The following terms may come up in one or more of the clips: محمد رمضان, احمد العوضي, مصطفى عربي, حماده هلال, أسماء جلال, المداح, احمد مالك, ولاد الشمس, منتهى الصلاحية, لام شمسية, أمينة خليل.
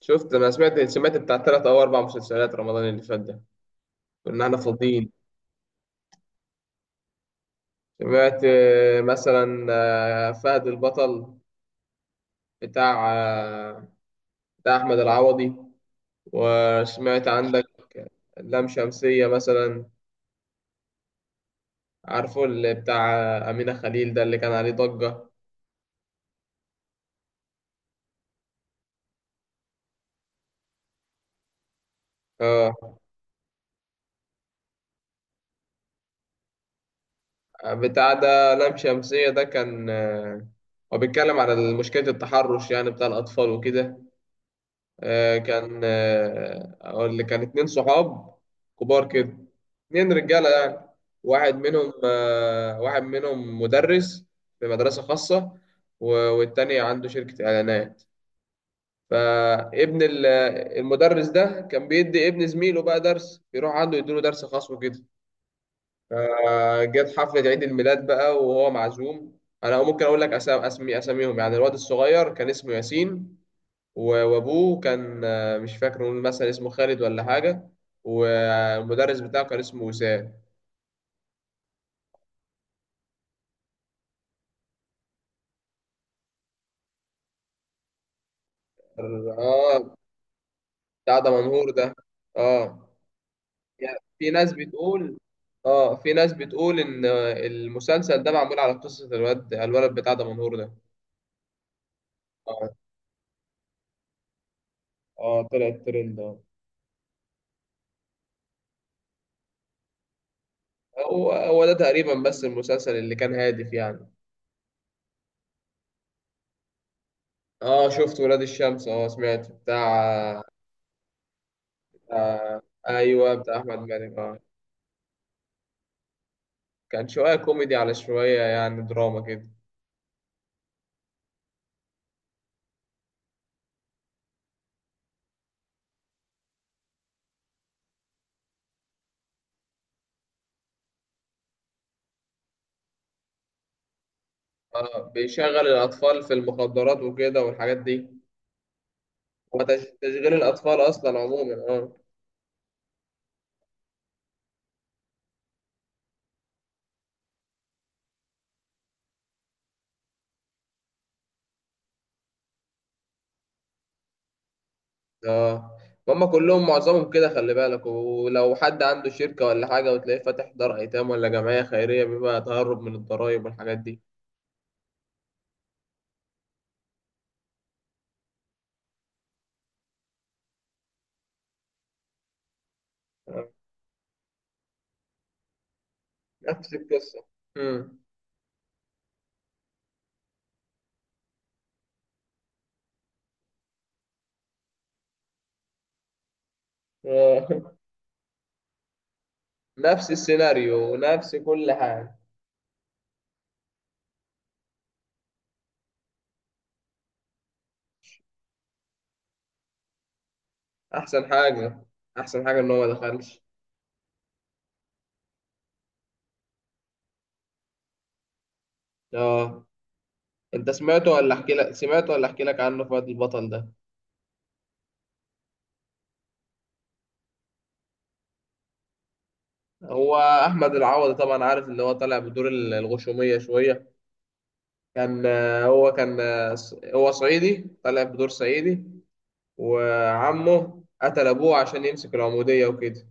شفت انا سمعت بتاع 3 او 4 مسلسلات رمضان اللي فات ده. كنا احنا فاضيين. سمعت مثلا فهد البطل، بتاع آه، بتاع احمد العوضي. وسمعت عندك لام شمسية مثلا، عارفه اللي بتاع أمينة خليل ده اللي كان عليه ضجة؟ اه، بتاع ده لام شمسية ده كان هو بيتكلم على مشكلة التحرش يعني بتاع الأطفال وكده. كان اقول لك كان 2 صحاب كبار كده، 2 رجاله يعني. واحد منهم مدرس في مدرسه خاصه، والتاني عنده شركه اعلانات. فابن ال- المدرس ده كان بيدي ابن زميله بقى درس، بيروح عنده يديله درس خاص وكده. فجت حفله عيد الميلاد بقى وهو معزوم. انا ممكن اقول لك أسا- اسمي اساميهم يعني. الواد الصغير كان اسمه ياسين، وابوه كان مش فاكر، نقول مثلا اسمه خالد ولا حاجه، والمدرس بتاعه كان اسمه وسام. اه، بتاع ده منهور ده. اه، يعني في ناس بتقول، اه في ناس بتقول ان المسلسل ده معمول على قصه الولد بتاع ده منهور ده. اه اه، طلع الترند اه. هو ده تقريبا، بس المسلسل اللي كان هادف يعني. اه شفت ولاد الشمس، اه سمعت بتاع آه آه، ايوه بتاع احمد مالك اه. كان شوية كوميدي على شوية يعني دراما كده. اه بيشغل الأطفال في المخدرات وكده والحاجات دي. هو تشغيل الأطفال أصلا عموما اه. اه هما كلهم معظمهم كده، خلي بالك ولو حد عنده شركة ولا حاجة وتلاقيه فاتح دار أيتام ولا جمعية خيرية بيبقى تهرب من الضرايب والحاجات دي. آه. نفس القصة. مم. آه. نفس السيناريو ونفس كل حاجة. أحسن حاجة، أحسن حاجة إن هو ما دخلش. اه، انت سمعته ولا احكي لك؟ سمعته ولا احكي لك عنه فؤاد البطل ده؟ هو احمد العوضي طبعا، عارف اللي هو طالع بدور الغشوميه شويه. كان هو كان هو صعيدي، طالع بدور صعيدي. وعمه قتل ابوه عشان يمسك العموديه وكده،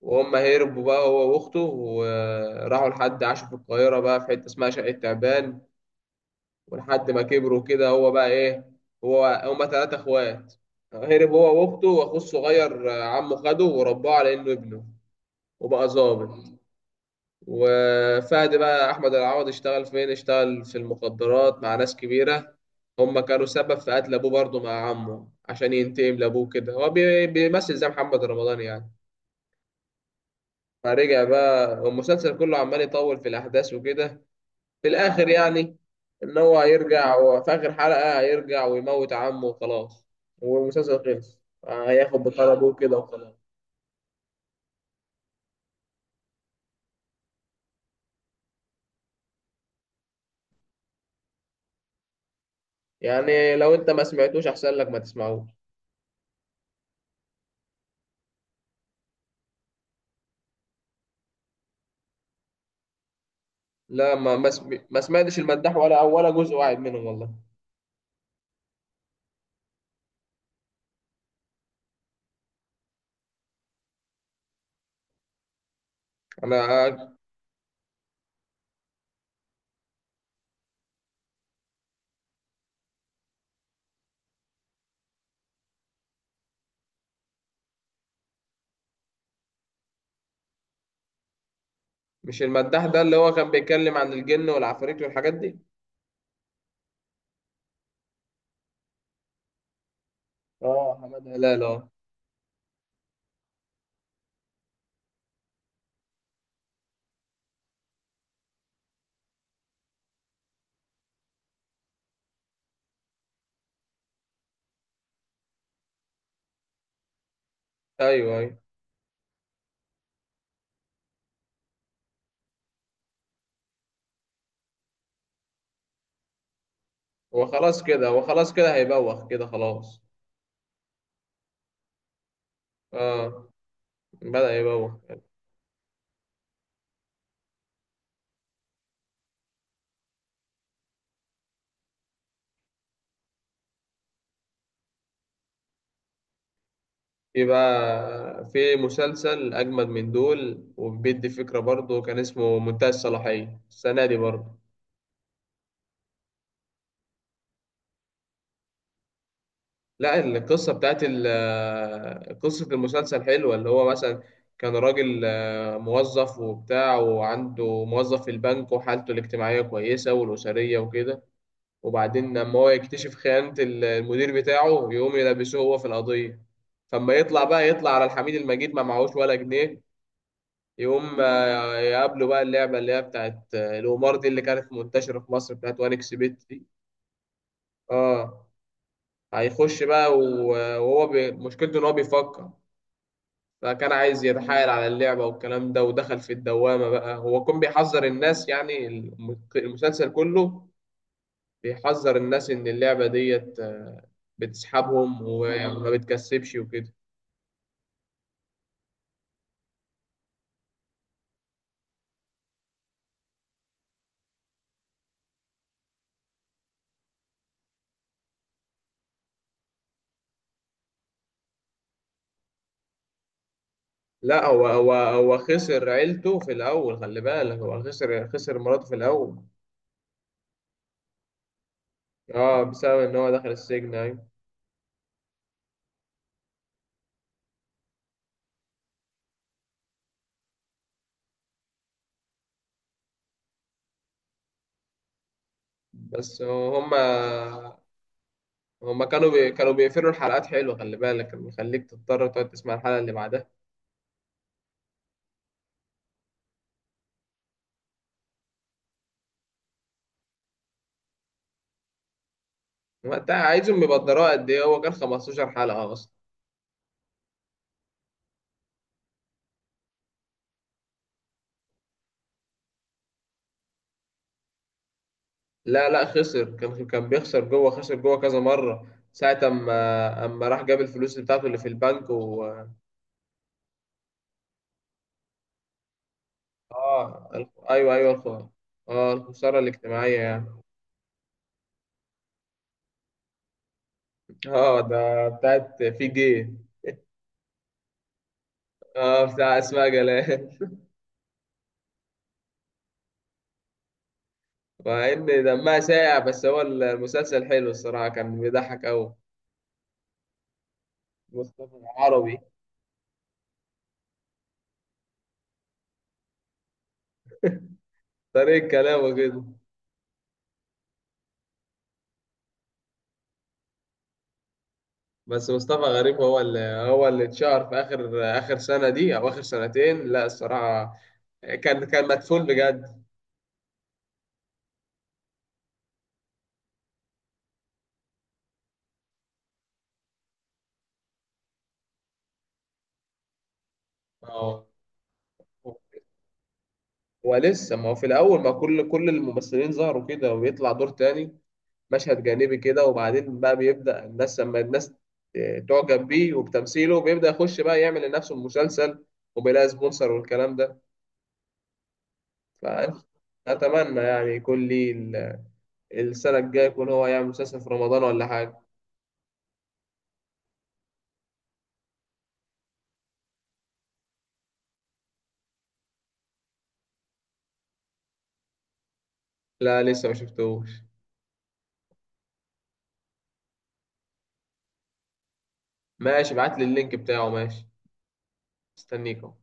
وهم هربوا بقى، هو واخته، وراحوا لحد عاشوا في القاهره بقى في حته اسمها شقه تعبان. ولحد ما كبروا كده هو بقى ايه؟ هما 3 اخوات. هرب هو واخته واخوه الصغير. عمه خده ورباه على انه ابنه، وبقى ظابط. وفهد بقى، احمد العوضي، اشتغل فين؟ اشتغل في المخدرات مع ناس كبيره. هم كانوا سبب في قتل ابوه برضه مع عمه، عشان ينتقم لابوه كده، هو بيمثل زي محمد رمضان يعني. فرجع بقى، والمسلسل كله عمال يطول في الاحداث وكده. في الاخر يعني، ان هو هيرجع، وفي اخر حلقه هيرجع ويموت عمه وخلاص، والمسلسل خلص. هياخد بطار ابوه كده وخلاص. يعني لو انت ما سمعتوش، احسن لك ما تسمعوش. لا، ما سمعتش المداح ولا جزء واحد منهم، والله. انا مش المداح ده اللي هو كان بيتكلم عن الجن والعفاريت والحاجات دي؟ اه، حماده هلال اه. ايوه ايوه. هو خلاص كده هيبوخ كده خلاص. اه بدأ يبوخ. في مسلسل اجمد من دول، وبيدي فكرة برضه، كان اسمه منتهى الصلاحية، السنة دي برضه. لا، قصة المسلسل حلوة. اللي هو مثلا كان راجل موظف وبتاع، وعنده موظف في البنك، وحالته الاجتماعية كويسة والأسرية وكده. وبعدين لما هو يكتشف خيانة المدير بتاعه، يقوم يلبسوه هو في القضية. فما يطلع بقى، يطلع على الحميد المجيد ما معهوش ولا جنيه. يقوم يقابله بقى اللعبة اللي هي بتاعت القمار دي، اللي كانت منتشرة في مصر، بتاعت وانكس بيت دي. اه هيخش بقى، وهو مشكلته ان هو بيفكر. فكان عايز يتحايل على اللعبة والكلام ده، ودخل في الدوامة بقى. هو كان بيحذر الناس يعني، المسلسل كله بيحذر الناس إن اللعبة ديت بتسحبهم وما بتكسبش وكده. لا، هو خسر عيلته في الأول، خلي بالك، هو خسر مراته في الأول. اه، بسبب إن هو دخل السجن، أيوة. بس هما كانوا بيقفلوا الحلقات حلوة، خلي بالك، كان بيخليك تضطر تقعد تسمع الحلقة اللي بعدها. ما انت عايزهم يبقى الدراء قد ايه؟ هو كان 15 حلقة اصلا. لا لا، خسر، كان بيخسر جوه، خسر جوه كذا مرة، ساعة أما راح جاب الفلوس بتاعته اللي في البنك و... أيوه أيوه، آه، الخسارة الاجتماعية يعني. آه، ده بتاعت في جي. آه، بتاع أسماء جلال. مع إن دمها ساقع، بس هو المسلسل حلو الصراحة، كان بيضحك أوي. مصطفى عربي، طريقة كلامه كده. بس مصطفى غريب هو اللي اتشهر في اخر اخر سنه دي او اخر سنتين لا الصراحه، كان مدفون بجد. اه، ولسه ما هو في الاول ما كل الممثلين ظهروا كده، ويطلع دور تاني مشهد جانبي كده، وبعدين بقى بيبدا لما الناس تعجب بيه وبتمثيله بيبدا يخش بقى يعمل لنفسه المسلسل، وبيلاقي سبونسر والكلام ده. فاتمنى يعني يكون لي السنه الجايه يكون هو يعمل مسلسل في رمضان ولا حاجه. لا لسه ما شفتوش. ماشي، ابعت لي اللينك بتاعه، ماشي. استنيك اهو.